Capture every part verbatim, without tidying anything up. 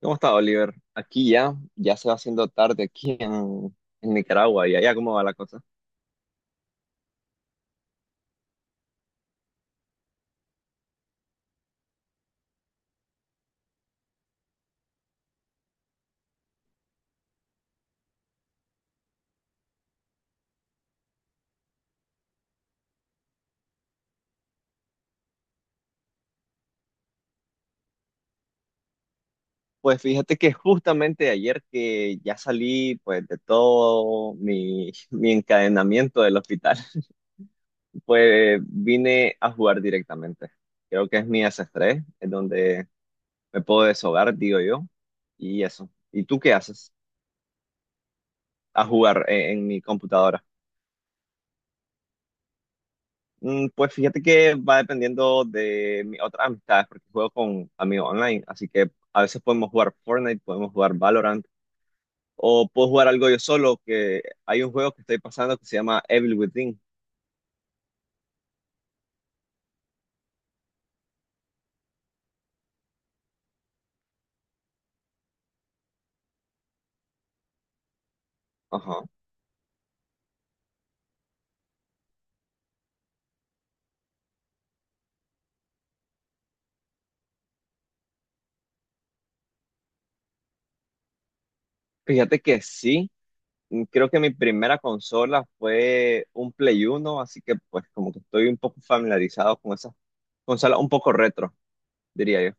¿Cómo está, Oliver? Aquí ya, ya se va haciendo tarde aquí en, en Nicaragua, y allá cómo va la cosa. Pues fíjate que justamente ayer que ya salí pues de todo mi, mi encadenamiento del hospital, pues vine a jugar directamente. Creo que es mi desestrés, es donde me puedo deshogar, digo yo, y eso. ¿Y tú qué haces? A jugar, eh, en mi computadora. Mm, Pues fíjate que va dependiendo de mis otras amistades, porque juego con amigos online, así que a veces podemos jugar Fortnite, podemos jugar Valorant, o puedo jugar algo yo solo, que hay un juego que estoy pasando que se llama Evil Within. Ajá. Fíjate que sí. Mm, creo que mi primera consola fue un Play Uno, así que pues como que estoy un poco familiarizado con esas consolas un poco retro, diría yo.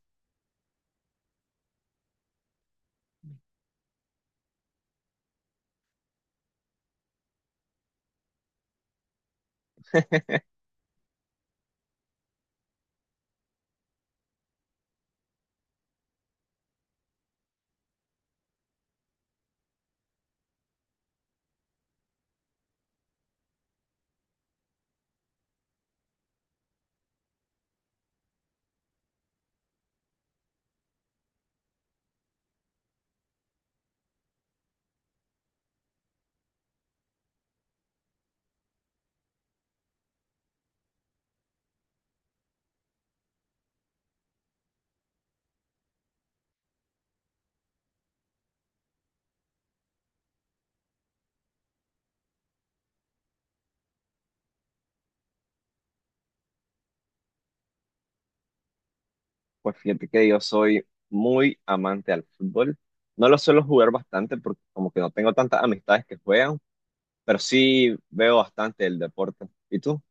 Pues fíjate que yo soy muy amante al fútbol. No lo suelo jugar bastante porque como que no tengo tantas amistades que juegan, pero sí veo bastante el deporte. ¿Y tú?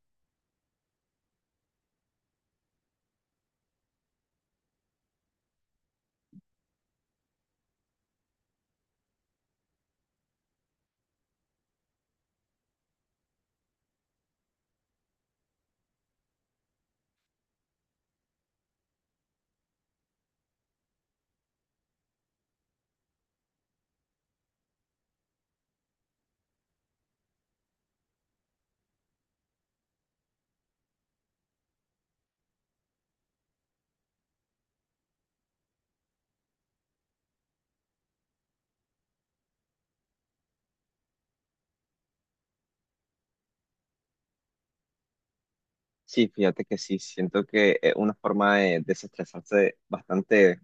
Sí, fíjate que sí, siento que es una forma de desestresarse bastante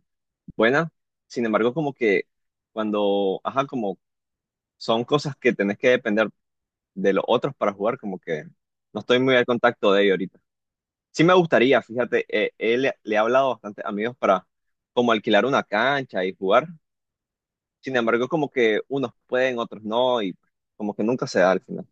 buena. Sin embargo, como que cuando, ajá, como son cosas que tenés que depender de los otros para jugar, como que no estoy muy al contacto de ellos ahorita. Sí me gustaría, fíjate, eh, he- le, le he hablado a bastantes amigos para como alquilar una cancha y jugar. Sin embargo, como que unos pueden, otros no, y como que nunca se da al final.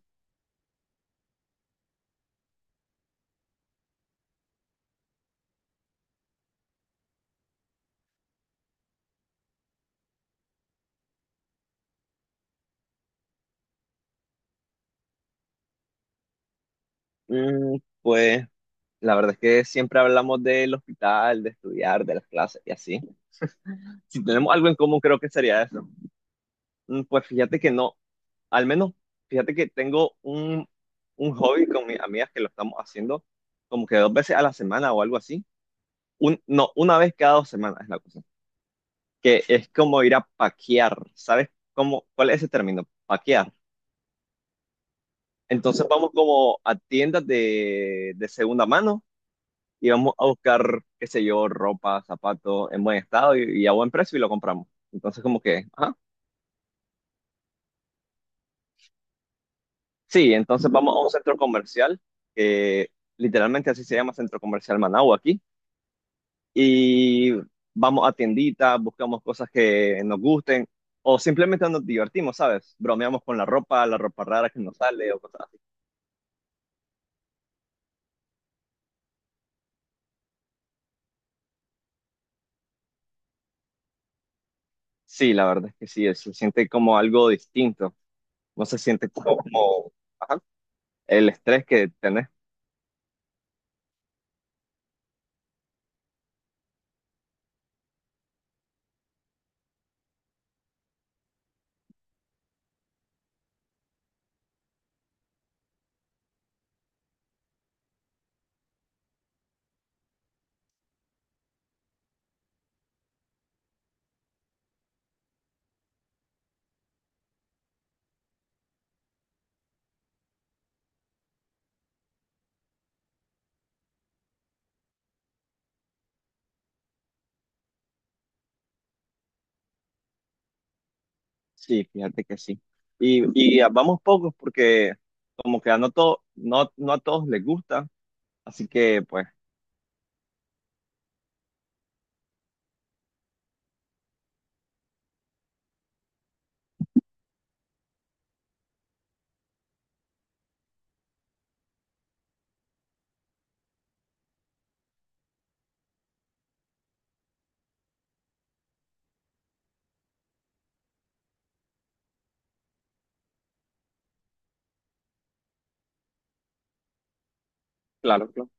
Mm, pues la verdad es que siempre hablamos del hospital, de estudiar, de las clases y así. Si tenemos algo en común, creo que sería eso. Mm, pues fíjate que no, al menos fíjate que tengo un, un hobby con mis amigas que lo estamos haciendo como que dos veces a la semana o algo así. Un, no, Una vez cada dos semanas es la cosa. Que es como ir a paquear. ¿Sabes cómo, cuál es ese término? Paquear. Entonces vamos como a tiendas de, de segunda mano y vamos a buscar, qué sé yo, ropa, zapatos en buen estado y, y a buen precio, y lo compramos. Entonces como que, ajá. Sí, entonces vamos a un centro comercial, que literalmente así se llama Centro Comercial Managua aquí, y vamos a tienditas, buscamos cosas que nos gusten o simplemente nos divertimos, ¿sabes? Bromeamos con la ropa, la ropa rara que nos sale o cosas así. Sí, la verdad es que sí, se siente como algo distinto. No se siente como, ajá, el estrés que tenés. Sí, fíjate que sí. Y, y ah, vamos pocos porque como que a no, to- no, no a todos les gusta. Así que pues, claro, claro.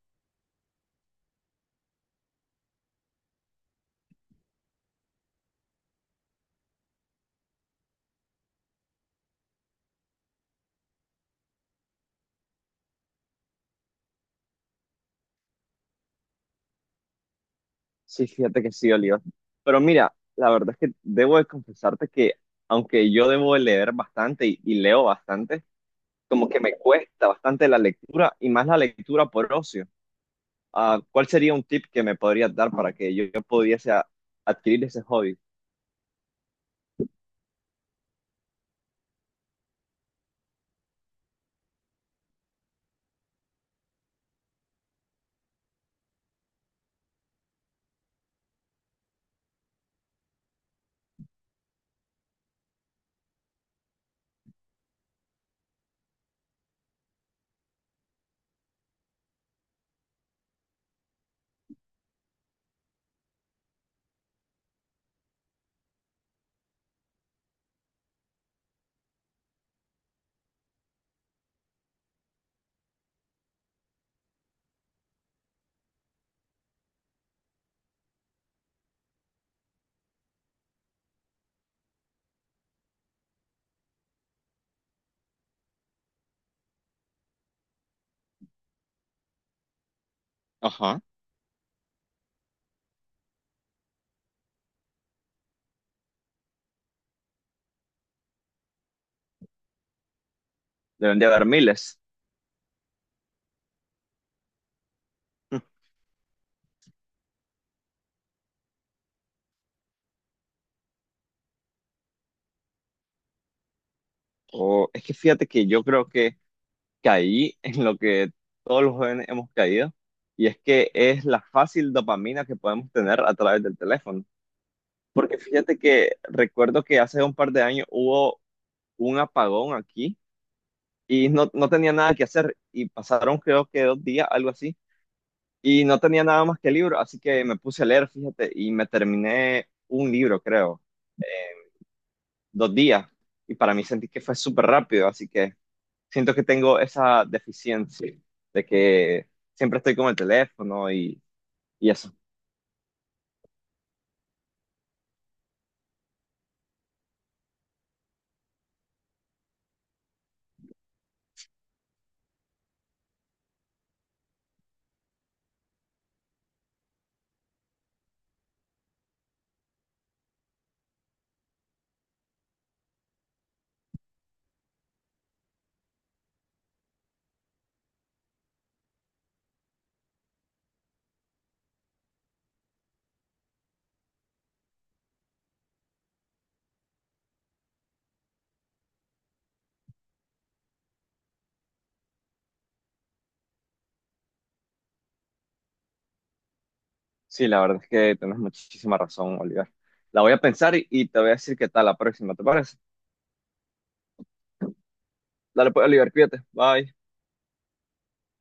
Sí, fíjate que sí, Oliva. Pero mira, la verdad es que debo de confesarte que aunque yo debo de leer bastante y, y leo bastante, como que me cuesta bastante la lectura y más la lectura por ocio. Ah, ¿cuál sería un tip que me podrías dar para que yo, yo pudiese a- adquirir ese hobby? Ajá. Deben de haber miles. O es que fíjate que yo creo que caí en lo que todos los jóvenes hemos caído, y es que es la fácil dopamina que podemos tener a través del teléfono. Porque fíjate que recuerdo que hace un par de años hubo un apagón aquí y no, no tenía nada que hacer, y pasaron creo que dos días, algo así, y no tenía nada más que libro, así que me puse a leer, fíjate, y me terminé un libro, creo, dos días, y para mí sentí que fue súper rápido, así que... Siento que tengo esa deficiencia de que siempre estoy con el teléfono, y, y eso. Sí, la verdad es que tienes muchísima razón, Oliver. La voy a pensar, y, y te voy a decir qué tal la próxima, ¿te parece? Dale pues, Oliver, cuídate. Bye.